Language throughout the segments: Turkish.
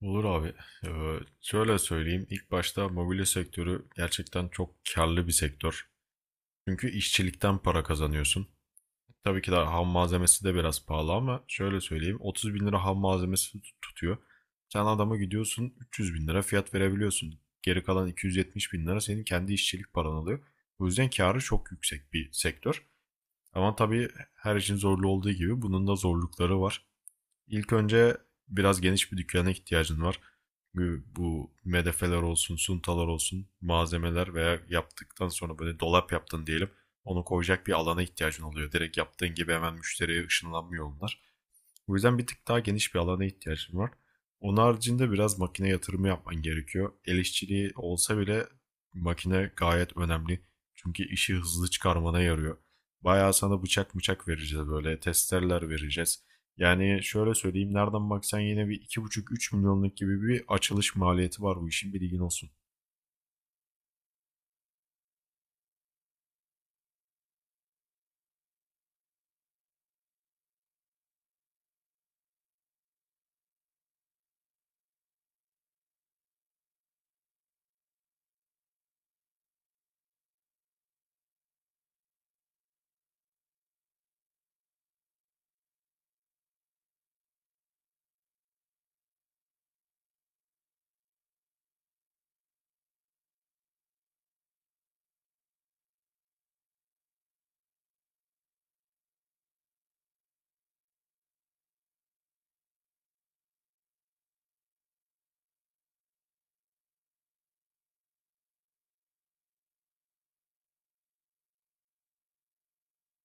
Olur abi. Şöyle söyleyeyim. İlk başta mobilya sektörü gerçekten çok karlı bir sektör. Çünkü işçilikten para kazanıyorsun. Tabii ki de ham malzemesi de biraz pahalı ama şöyle söyleyeyim. 30 bin lira ham malzemesi tutuyor. Sen adama gidiyorsun 300 bin lira fiyat verebiliyorsun. Geri kalan 270 bin lira senin kendi işçilik paran alıyor. O yüzden karı çok yüksek bir sektör. Ama tabii her işin zorlu olduğu gibi bunun da zorlukları var. İlk önce biraz geniş bir dükkana ihtiyacın var. Çünkü bu medefeler olsun, suntalar olsun, malzemeler veya yaptıktan sonra böyle dolap yaptın diyelim. Onu koyacak bir alana ihtiyacın oluyor. Direkt yaptığın gibi hemen müşteriye ışınlanmıyor onlar. O yüzden bir tık daha geniş bir alana ihtiyacım var. Onun haricinde biraz makine yatırımı yapman gerekiyor. El işçiliği olsa bile makine gayet önemli. Çünkü işi hızlı çıkarmana yarıyor. Bayağı sana bıçak bıçak vereceğiz, böyle testereler vereceğiz. Yani şöyle söyleyeyim, nereden baksan yine bir iki buçuk üç milyonluk gibi bir açılış maliyeti var bu işin, bilgin olsun.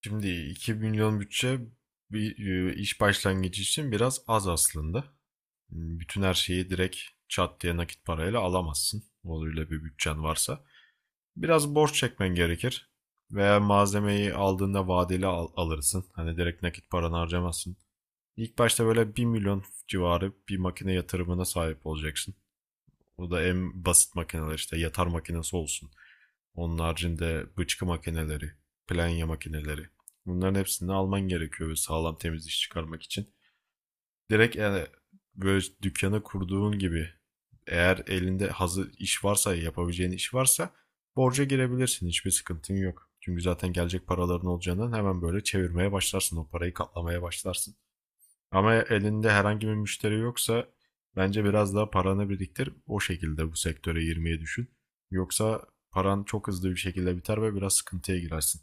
Şimdi 2 milyon bütçe bir iş başlangıcı için biraz az aslında. Bütün her şeyi direkt çat diye nakit parayla alamazsın, öyle bir bütçen varsa. Biraz borç çekmen gerekir. Veya malzemeyi aldığında vadeli alırsın. Hani direkt nakit paranı harcamazsın. İlk başta böyle 1 milyon civarı bir makine yatırımına sahip olacaksın. O da en basit makineler, işte yatar makinesi olsun. Onun haricinde bıçkı makineleri, planya makineleri. Bunların hepsini alman gerekiyor, ve sağlam temiz iş çıkarmak için. Direkt yani böyle dükkanı kurduğun gibi, eğer elinde hazır iş varsa, yapabileceğin iş varsa borca girebilirsin. Hiçbir sıkıntın yok. Çünkü zaten gelecek paraların olacağından hemen böyle çevirmeye başlarsın. O parayı katlamaya başlarsın. Ama elinde herhangi bir müşteri yoksa bence biraz daha paranı biriktir. O şekilde bu sektöre girmeyi düşün. Yoksa paran çok hızlı bir şekilde biter ve biraz sıkıntıya girersin.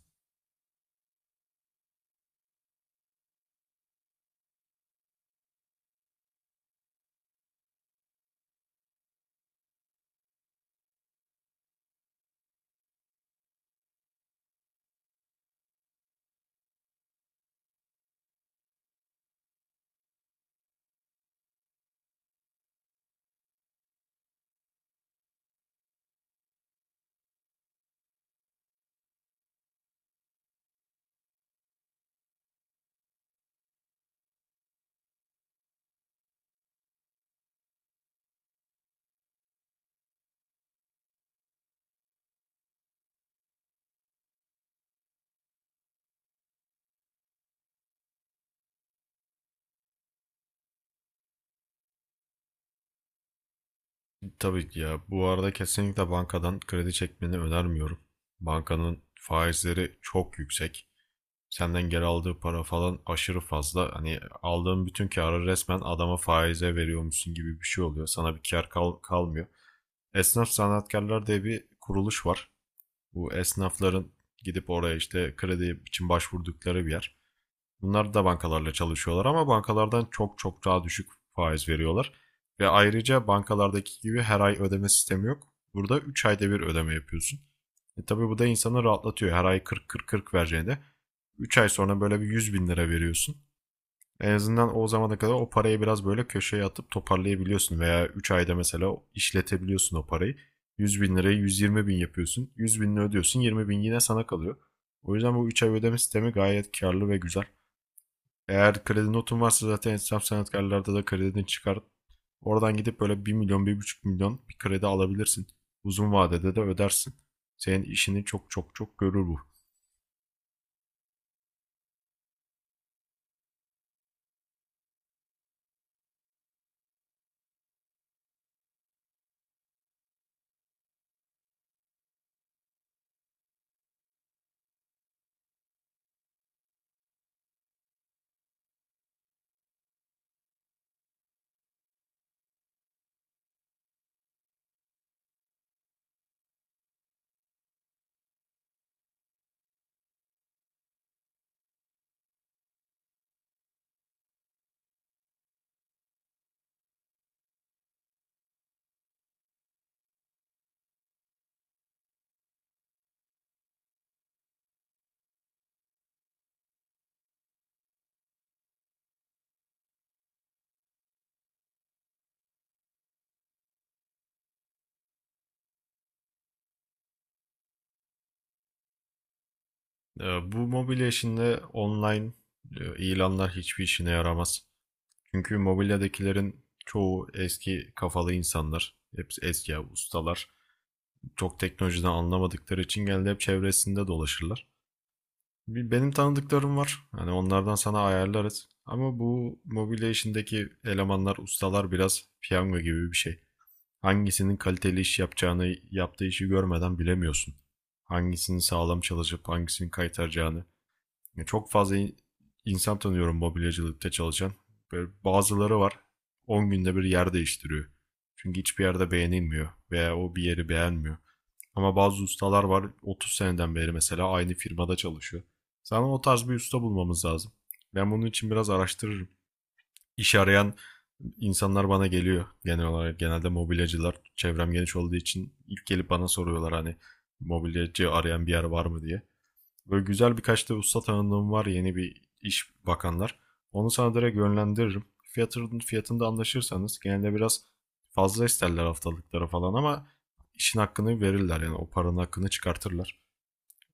Tabii ki ya, bu arada kesinlikle bankadan kredi çekmeni önermiyorum. Bankanın faizleri çok yüksek. Senden geri aldığı para falan aşırı fazla. Hani aldığın bütün karı resmen adama faize veriyormuşsun gibi bir şey oluyor. Sana bir kar kalmıyor. Esnaf Sanatkarlar diye bir kuruluş var. Bu esnafların gidip oraya işte kredi için başvurdukları bir yer. Bunlar da bankalarla çalışıyorlar ama bankalardan çok çok daha düşük faiz veriyorlar. Ve ayrıca bankalardaki gibi her ay ödeme sistemi yok. Burada 3 ayda bir ödeme yapıyorsun. E tabii bu da insanı rahatlatıyor. Her ay kırk kırk kırk vereceğine 3 ay sonra böyle bir 100 bin lira veriyorsun. En azından o zamana kadar o parayı biraz böyle köşeye atıp toparlayabiliyorsun. Veya 3 ayda mesela işletebiliyorsun o parayı. 100 bin lirayı 120 bin yapıyorsun. 100 binini ödüyorsun, 20 bin yine sana kalıyor. O yüzden bu 3 ay ödeme sistemi gayet karlı ve güzel. Eğer kredi notun varsa zaten esnaf sanatkarlarda da kredini çıkar. Oradan gidip böyle 1 milyon 1,5 milyon bir kredi alabilirsin. Uzun vadede de ödersin. Senin işini çok çok çok görür bu. Bu mobilya işinde online ilanlar hiçbir işine yaramaz. Çünkü mobilyadakilerin çoğu eski kafalı insanlar. Hepsi eski ustalar. Çok teknolojiden anlamadıkları için genelde hep çevresinde dolaşırlar. Benim tanıdıklarım var. Hani onlardan sana ayarlarız. Ama bu mobilya işindeki elemanlar, ustalar biraz piyango gibi bir şey. Hangisinin kaliteli iş yapacağını, yaptığı işi görmeden bilemiyorsun. Hangisinin sağlam çalışıp hangisinin kaytaracağını. Ya çok fazla insan tanıyorum mobilyacılıkta çalışan. Böyle bazıları var, 10 günde bir yer değiştiriyor. Çünkü hiçbir yerde beğenilmiyor veya o bir yeri beğenmiyor. Ama bazı ustalar var, 30 seneden beri mesela aynı firmada çalışıyor. Sana o tarz bir usta bulmamız lazım. Ben bunun için biraz araştırırım. İş arayan insanlar bana geliyor genel olarak. Genelde mobilyacılar, çevrem geniş olduğu için, ilk gelip bana soruyorlar hani mobilyacı arayan bir yer var mı diye. Böyle güzel birkaç da usta tanıdığım var yeni bir iş bakanlar. Onu sana direkt yönlendiririm. Fiyatında anlaşırsanız genelde biraz fazla isterler haftalıklara falan ama işin hakkını verirler yani o paranın hakkını çıkartırlar.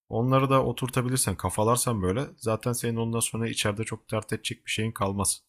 Onları da oturtabilirsen, kafalarsan böyle, zaten senin ondan sonra içeride çok dert edecek bir şeyin kalmaz.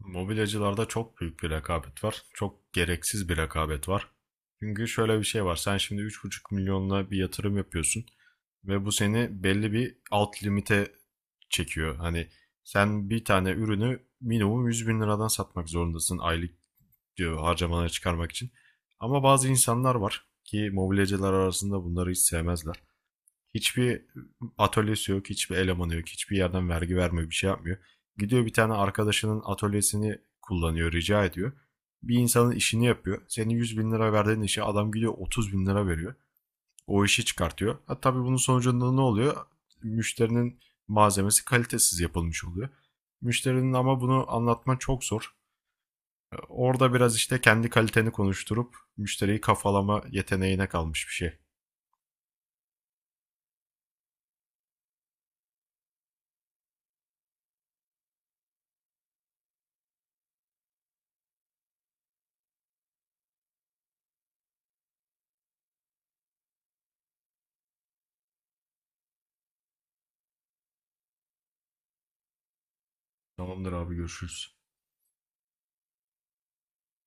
Mobilyacılarda çok büyük bir rekabet var. Çok gereksiz bir rekabet var. Çünkü şöyle bir şey var. Sen şimdi 3,5 milyonla bir yatırım yapıyorsun ve bu seni belli bir alt limite çekiyor. Hani sen bir tane ürünü minimum 100 bin liradan satmak zorundasın aylık, diyor, harcamaları çıkarmak için. Ama bazı insanlar var ki mobilyacılar arasında bunları hiç sevmezler. Hiçbir atölyesi yok, hiçbir elemanı yok, hiçbir yerden vergi vermiyor, bir şey yapmıyor. Gidiyor bir tane arkadaşının atölyesini kullanıyor, rica ediyor. Bir insanın işini yapıyor. Senin 100 bin lira verdiğin işe adam gidiyor 30 bin lira veriyor. O işi çıkartıyor. Ha, tabii bunun sonucunda ne oluyor? Müşterinin malzemesi kalitesiz yapılmış oluyor. Müşterinin, ama bunu anlatman çok zor. Orada biraz işte kendi kaliteni konuşturup müşteriyi kafalama yeteneğine kalmış bir şey. Tamamdır abi, görüşürüz.